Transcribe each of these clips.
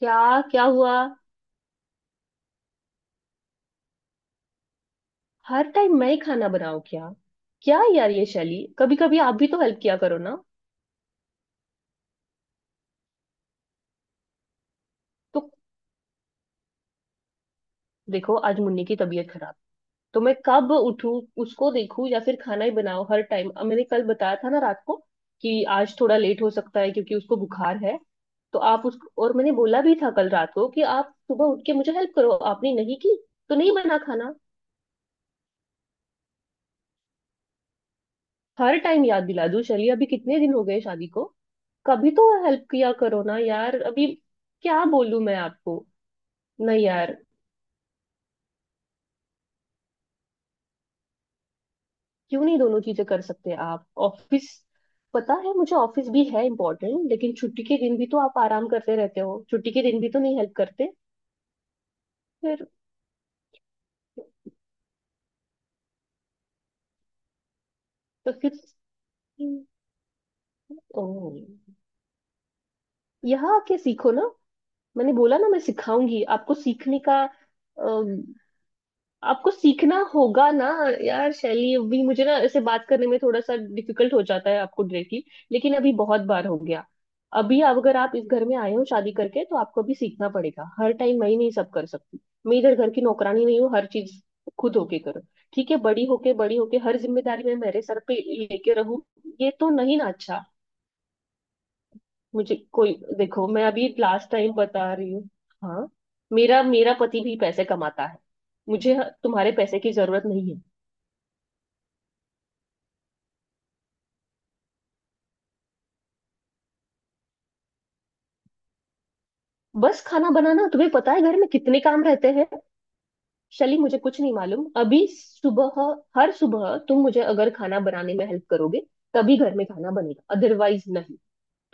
क्या। क्या हुआ। हर टाइम मैं ही खाना बनाऊं क्या। क्या यार ये शैली कभी कभी आप भी तो हेल्प किया करो ना। तो देखो आज मुन्नी की तबीयत खराब। तो मैं कब उठूं उसको देखूं या फिर खाना ही बनाओ हर टाइम। अब मैंने कल बताया था ना रात को कि आज थोड़ा लेट हो सकता है क्योंकि उसको बुखार है। तो आप उस और मैंने बोला भी था कल रात को कि आप सुबह उठ के मुझे हेल्प करो आपने नहीं की। तो नहीं बना खाना। हर टाइम याद दिला दूं शैली अभी कितने दिन हो गए शादी को। कभी तो हेल्प किया करो ना यार अभी। क्या बोलूं मैं आपको। नहीं यार। क्यों नहीं दोनों चीजें कर सकते आप ऑफिस। पता है मुझे ऑफिस भी है इम्पोर्टेंट लेकिन छुट्टी के दिन भी तो आप आराम करते रहते हो छुट्टी के दिन भी तो नहीं हेल्प करते। फिर। तो फिर। ओ, यहाँ आके सीखो ना। मैंने बोला ना मैं सिखाऊंगी आपको सीखने का। आपको सीखना होगा ना। यार शैली अभी मुझे ना ऐसे बात करने में थोड़ा सा डिफिकल्ट हो जाता है आपको डायरेक्टली। लेकिन अभी बहुत बार हो गया। अभी अब अगर आप इस घर में आए हो शादी करके तो आपको अभी सीखना पड़ेगा हर टाइम मैं ही नहीं सब कर सकती। मैं इधर घर की नौकरानी नहीं हूँ हर चीज खुद होके करो। ठीक है बड़ी होके हर जिम्मेदारी मैं मेरे सर पे लेके रहूं। ये तो नहीं ना। अच्छा मुझे कोई देखो मैं अभी लास्ट टाइम बता रही हूँ। हाँ। मेरा मेरा पति भी पैसे कमाता है। मुझे तुम्हारे पैसे की जरूरत नहीं है। बस खाना बनाना तुम्हें पता है घर में कितने काम रहते हैं। शली मुझे कुछ नहीं मालूम अभी सुबह। हर सुबह तुम मुझे अगर खाना बनाने में हेल्प करोगे तभी घर में खाना बनेगा अदरवाइज नहीं।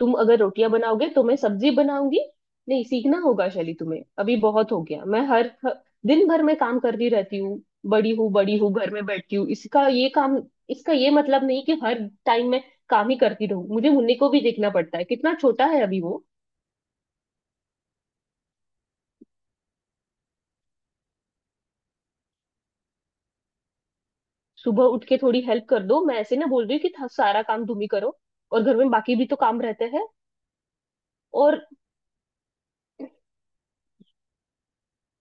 तुम अगर रोटियां बनाओगे तो मैं सब्जी बनाऊंगी। नहीं सीखना होगा शैली तुम्हें अभी बहुत हो गया। मैं हर हर- दिन भर में काम करती रहती हूँ। बड़ी हूँ बड़ी हूँ घर में बैठती हूँ इसका ये काम इसका ये मतलब नहीं कि हर टाइम में काम ही करती रहूँ। मुझे मुन्नी को भी देखना पड़ता है कितना छोटा है अभी वो। सुबह उठ के थोड़ी हेल्प कर दो मैं ऐसे ना बोल रही हूँ कि सारा काम तुम ही करो। और घर में बाकी भी तो काम रहते हैं। और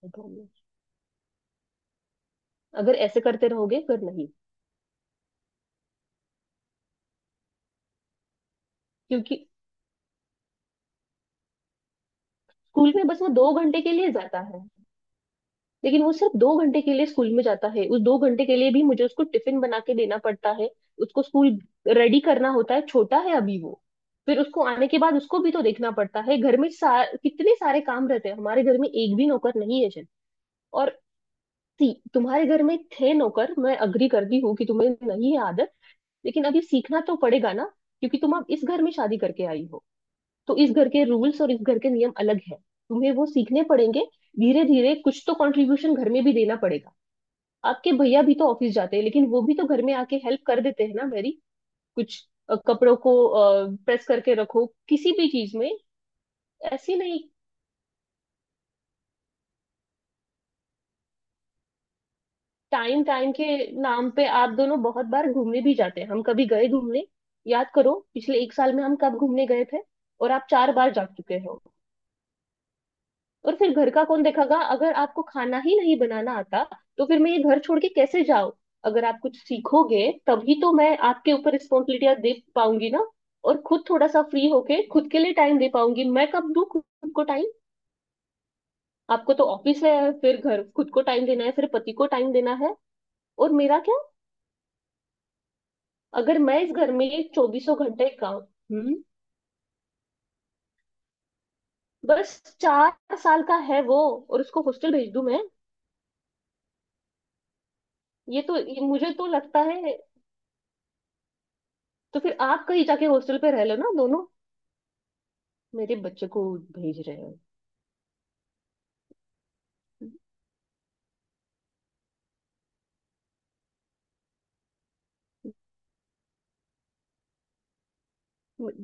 अगर ऐसे करते रहोगे फिर नहीं। क्योंकि स्कूल में बस वो 2 घंटे के लिए जाता है। लेकिन वो सिर्फ 2 घंटे के लिए स्कूल में जाता है उस 2 घंटे के लिए भी मुझे उसको टिफिन बना के देना पड़ता है। उसको स्कूल रेडी करना होता है छोटा है अभी वो। फिर उसको आने के बाद उसको भी तो देखना पड़ता है घर में कितने सारे काम रहते हैं हमारे घर में एक भी नौकर नहीं है जन और सी तुम्हारे घर में थे नौकर। मैं अग्री करती हूँ कि तुम्हें नहीं है आदत। लेकिन अब ये सीखना तो पड़ेगा ना। क्योंकि तुम अब इस घर में शादी करके आई हो। तो इस घर के रूल्स और इस घर के नियम अलग है। तुम्हें वो सीखने पड़ेंगे। धीरे धीरे कुछ तो कंट्रीब्यूशन घर में भी देना पड़ेगा। आपके भैया भी तो ऑफिस जाते हैं लेकिन वो भी तो घर में आके हेल्प कर देते हैं ना मेरी कुछ कपड़ों को प्रेस करके रखो किसी भी चीज में। ऐसी नहीं। टाइम टाइम के नाम पे आप दोनों बहुत बार घूमने भी जाते हैं हम कभी गए घूमने। याद करो पिछले 1 साल में हम कब घूमने गए थे। और आप 4 बार जा चुके हो। और फिर घर का कौन देखेगा अगर आपको खाना ही नहीं बनाना आता। तो फिर मैं ये घर छोड़ के कैसे जाऊं। अगर आप कुछ सीखोगे तभी तो मैं आपके ऊपर रिस्पॉन्सिबिलिटियां दे पाऊंगी ना। और खुद थोड़ा सा फ्री होके खुद के लिए टाइम दे पाऊंगी मैं कब दूं खुद को टाइम। आपको तो ऑफिस है फिर घर खुद को टाइम देना है फिर पति को टाइम देना है और मेरा क्या। अगर मैं इस घर में चौबीसों घंटे काम। बस 4 साल का है वो। और उसको हॉस्टल भेज दूं मैं। ये मुझे तो लगता है। तो फिर आप कहीं जाके हॉस्टल पे रह लो ना दोनों। मेरे बच्चे को भेज रहे हो।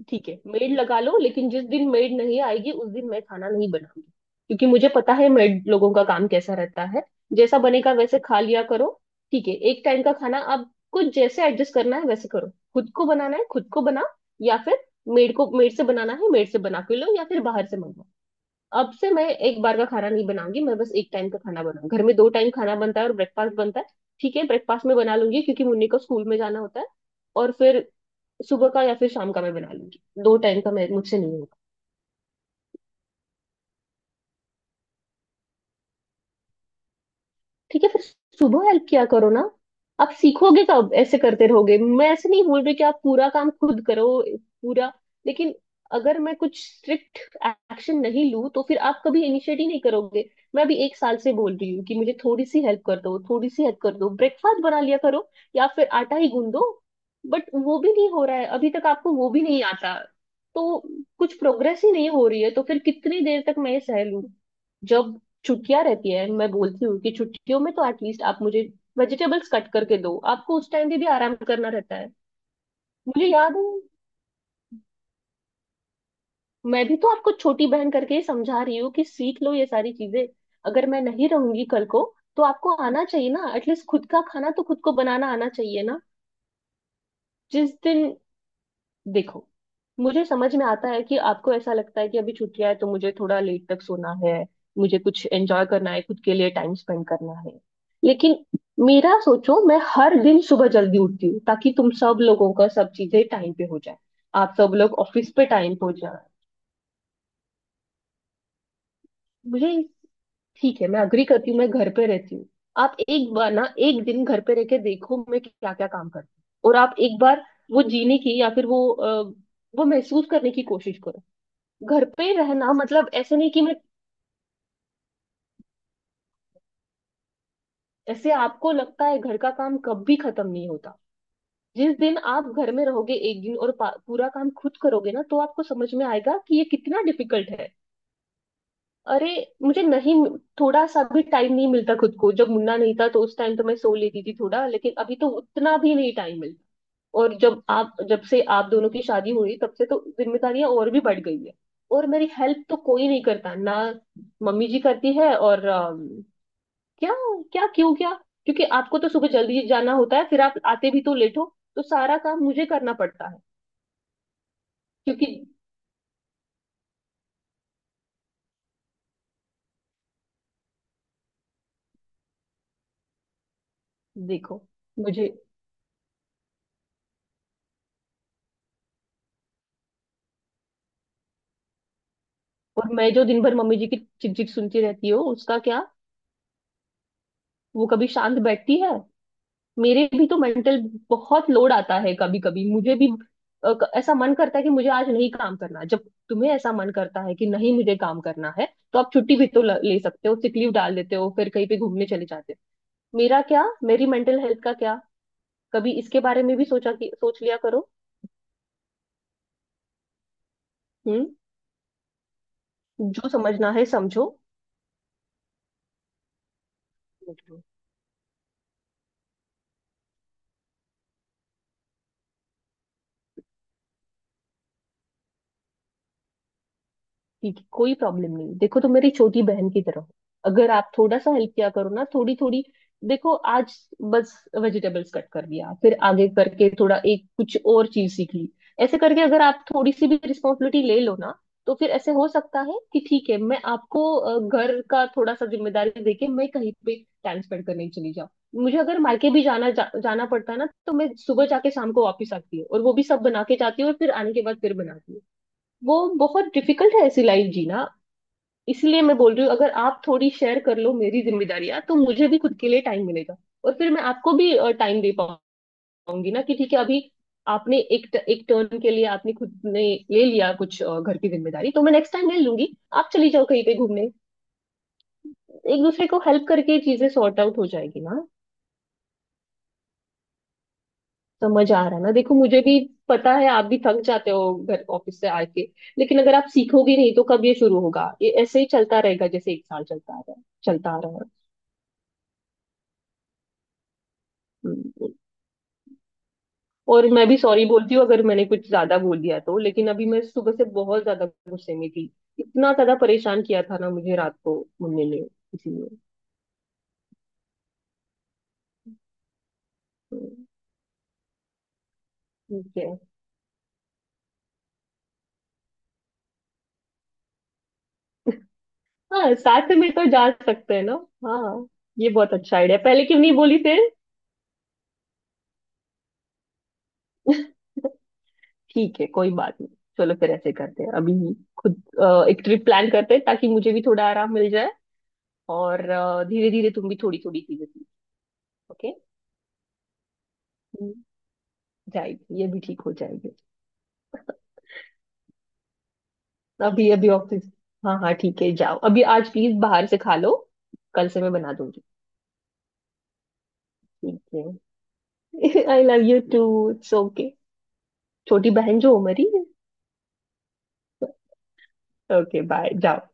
ठीक है मेड लगा लो लेकिन जिस दिन मेड नहीं आएगी उस दिन मैं खाना नहीं बनाऊंगी। क्योंकि मुझे पता है मेड लोगों का काम कैसा रहता है। जैसा बनेगा वैसे खा लिया करो। ठीक है एक टाइम का खाना आप कुछ जैसे एडजस्ट करना है वैसे करो। खुद को बनाना है खुद को बना या फिर मेड से बनाना है मेड से बना के लो या फिर बाहर से मंगवाओ। अब से मैं एक बार का खाना नहीं बनाऊंगी मैं बस एक टाइम का खाना बनाऊंगी घर में 2 टाइम खाना बनता है और ब्रेकफास्ट बनता है। ठीक है ब्रेकफास्ट में बना लूंगी क्योंकि मुन्नी को स्कूल में जाना होता है। और फिर सुबह का या फिर शाम का मैं बना लूंगी 2 टाइम का मैं मुझसे नहीं होगा। ठीक है फिर सुबह हेल्प किया करो ना। आप सीखोगे कब ऐसे करते रहोगे मैं ऐसे नहीं बोल रही कि आप पूरा काम खुद करो पूरा। लेकिन अगर मैं कुछ स्ट्रिक्ट एक्शन नहीं लूँ तो फिर आप कभी इनिशिएट ही नहीं करोगे। मैं अभी 1 साल से बोल रही हूँ कि मुझे थोड़ी सी हेल्प कर दो थोड़ी सी हेल्प कर दो ब्रेकफास्ट बना लिया करो या फिर आटा ही गूंद दो। बट वो भी नहीं हो रहा है अभी तक आपको वो भी नहीं आता। तो कुछ प्रोग्रेस ही नहीं हो रही है तो फिर कितनी देर तक मैं ये सह लूं। जब छुट्टियां रहती है मैं बोलती हूँ कि छुट्टियों में तो एटलीस्ट आप मुझे वेजिटेबल्स कट करके दो आपको उस टाइम पे भी आराम करना रहता है। मुझे याद है मैं भी तो आपको छोटी बहन करके ही समझा रही हूँ कि सीख लो ये सारी चीजें अगर मैं नहीं रहूंगी कल को तो आपको आना चाहिए ना एटलीस्ट खुद का खाना तो खुद को बनाना आना चाहिए ना। जिस दिन देखो मुझे समझ में आता है कि आपको ऐसा लगता है कि अभी छुट्टियां है तो मुझे थोड़ा लेट तक सोना है मुझे कुछ एंजॉय करना है खुद के लिए टाइम स्पेंड करना है। लेकिन मेरा सोचो मैं हर दिन सुबह जल्दी उठती हूँ ताकि तुम सब लोगों का सब चीजें टाइम पे हो जाए। आप सब लोग ऑफिस पे टाइम पे हो जाए। मुझे ठीक है मैं अग्री करती हूँ मैं घर पे रहती हूँ। आप एक बार ना एक दिन घर पे रह के देखो मैं क्या क्या काम करती हूँ और आप एक बार वो जीने की या फिर वो वो महसूस करने की कोशिश करो। घर पे ही रहना मतलब ऐसे नहीं कि मैं ऐसे। आपको लगता है घर का काम कभी खत्म नहीं होता। जिस दिन आप घर में रहोगे एक दिन और पूरा काम खुद करोगे ना तो आपको समझ में आएगा कि ये कितना डिफिकल्ट है। अरे मुझे नहीं थोड़ा सा भी टाइम नहीं मिलता खुद को जब मुन्ना नहीं था तो उस टाइम तो मैं सो लेती थी थोड़ा लेकिन अभी तो उतना भी नहीं टाइम मिलता। और जब से आप दोनों की शादी हुई तब से तो जिम्मेदारियां और भी बढ़ गई है। और मेरी हेल्प तो कोई नहीं करता ना। मम्मी जी करती है और। क्या। क्या क्यों क्या। क्योंकि आपको तो सुबह जल्दी जाना होता है फिर आप आते भी तो लेट हो। तो सारा काम मुझे करना पड़ता है। क्योंकि देखो मुझे। और मैं जो दिन भर मम्मी जी की चिकचिक सुनती रहती हूँ उसका क्या। वो कभी शांत बैठती है। मेरे भी तो मेंटल बहुत लोड आता है कभी कभी मुझे भी ऐसा मन करता है कि मुझे आज नहीं काम करना। जब तुम्हें ऐसा मन करता है कि नहीं मुझे काम करना है तो आप छुट्टी भी तो ले सकते हो सिक लीव डाल देते हो फिर कहीं पे घूमने चले जाते हो। मेरा क्या मेरी मेंटल हेल्थ का क्या। कभी इसके बारे में भी सोचा कि सोच लिया करो। हम्म। जो समझना है समझो। ठीक है कोई प्रॉब्लम नहीं देखो तो मेरी छोटी बहन की तरह हो। अगर आप थोड़ा सा हेल्प किया करो ना थोड़ी थोड़ी देखो आज बस वेजिटेबल्स कट कर दिया फिर आगे करके थोड़ा एक कुछ और चीज सीख ली। ऐसे करके अगर आप थोड़ी सी भी रिस्पॉन्सिबिलिटी ले लो ना तो फिर ऐसे हो सकता है कि ठीक है मैं आपको घर का थोड़ा सा जिम्मेदारी देके मैं कहीं पे टाइम स्पेंड करने चली जाऊँ। मुझे अगर मार्केट भी जाना जाना पड़ता है ना तो मैं सुबह जाके शाम को वापस आती हूँ और वो भी सब बना के जाती हूँ और फिर आने के बाद फिर बनाती हूँ। वो बहुत डिफिकल्ट है ऐसी लाइफ जीना। इसलिए मैं बोल रही हूँ अगर आप थोड़ी शेयर कर लो मेरी जिम्मेदारियां तो मुझे भी खुद के लिए टाइम मिलेगा। और फिर मैं आपको भी टाइम दे पाऊंगी ना कि ठीक है अभी आपने एक टर्न के लिए आपने खुद ने ले लिया कुछ घर की जिम्मेदारी तो मैं नेक्स्ट टाइम ले लूंगी। आप चली जाओ कहीं पे घूमने। एक दूसरे को हेल्प करके चीजें सॉर्ट आउट हो जाएगी ना। समझ आ रहा है ना देखो मुझे भी पता है आप भी थक जाते हो घर ऑफिस से आके। लेकिन अगर आप सीखोगे नहीं तो कब ये शुरू होगा ये ऐसे ही चलता रहेगा जैसे 1 साल चलता आ रहा है चलता आ रहा है। हम्म। और मैं भी सॉरी बोलती हूँ अगर मैंने कुछ ज्यादा बोल दिया तो लेकिन अभी मैं सुबह से बहुत ज्यादा गुस्से में थी। इतना ज्यादा परेशान किया था ना मुझे रात को मुन्ने ने इसीलिए। हम्म, ठीक है हाँ साथ में तो जा सकते हैं ना। हाँ। ये बहुत अच्छा आइडिया पहले क्यों नहीं बोली थे। ठीक है कोई बात नहीं। चलो फिर ऐसे करते हैं अभी खुद एक ट्रिप प्लान करते हैं ताकि मुझे भी थोड़ा आराम मिल जाए। और धीरे धीरे तुम भी थोड़ी थोड़ी चीजें सीख। ओके जाएगी ये भी ठीक हो जाएगी। अभी अभी ऑफिस। हाँ हाँ ठीक है जाओ अभी आज प्लीज बाहर से खा लो। कल से मैं बना दूंगी। ठीक है आई love you too. It's okay. छोटी बहन जो हो मेरी। ओके बाय जाओ।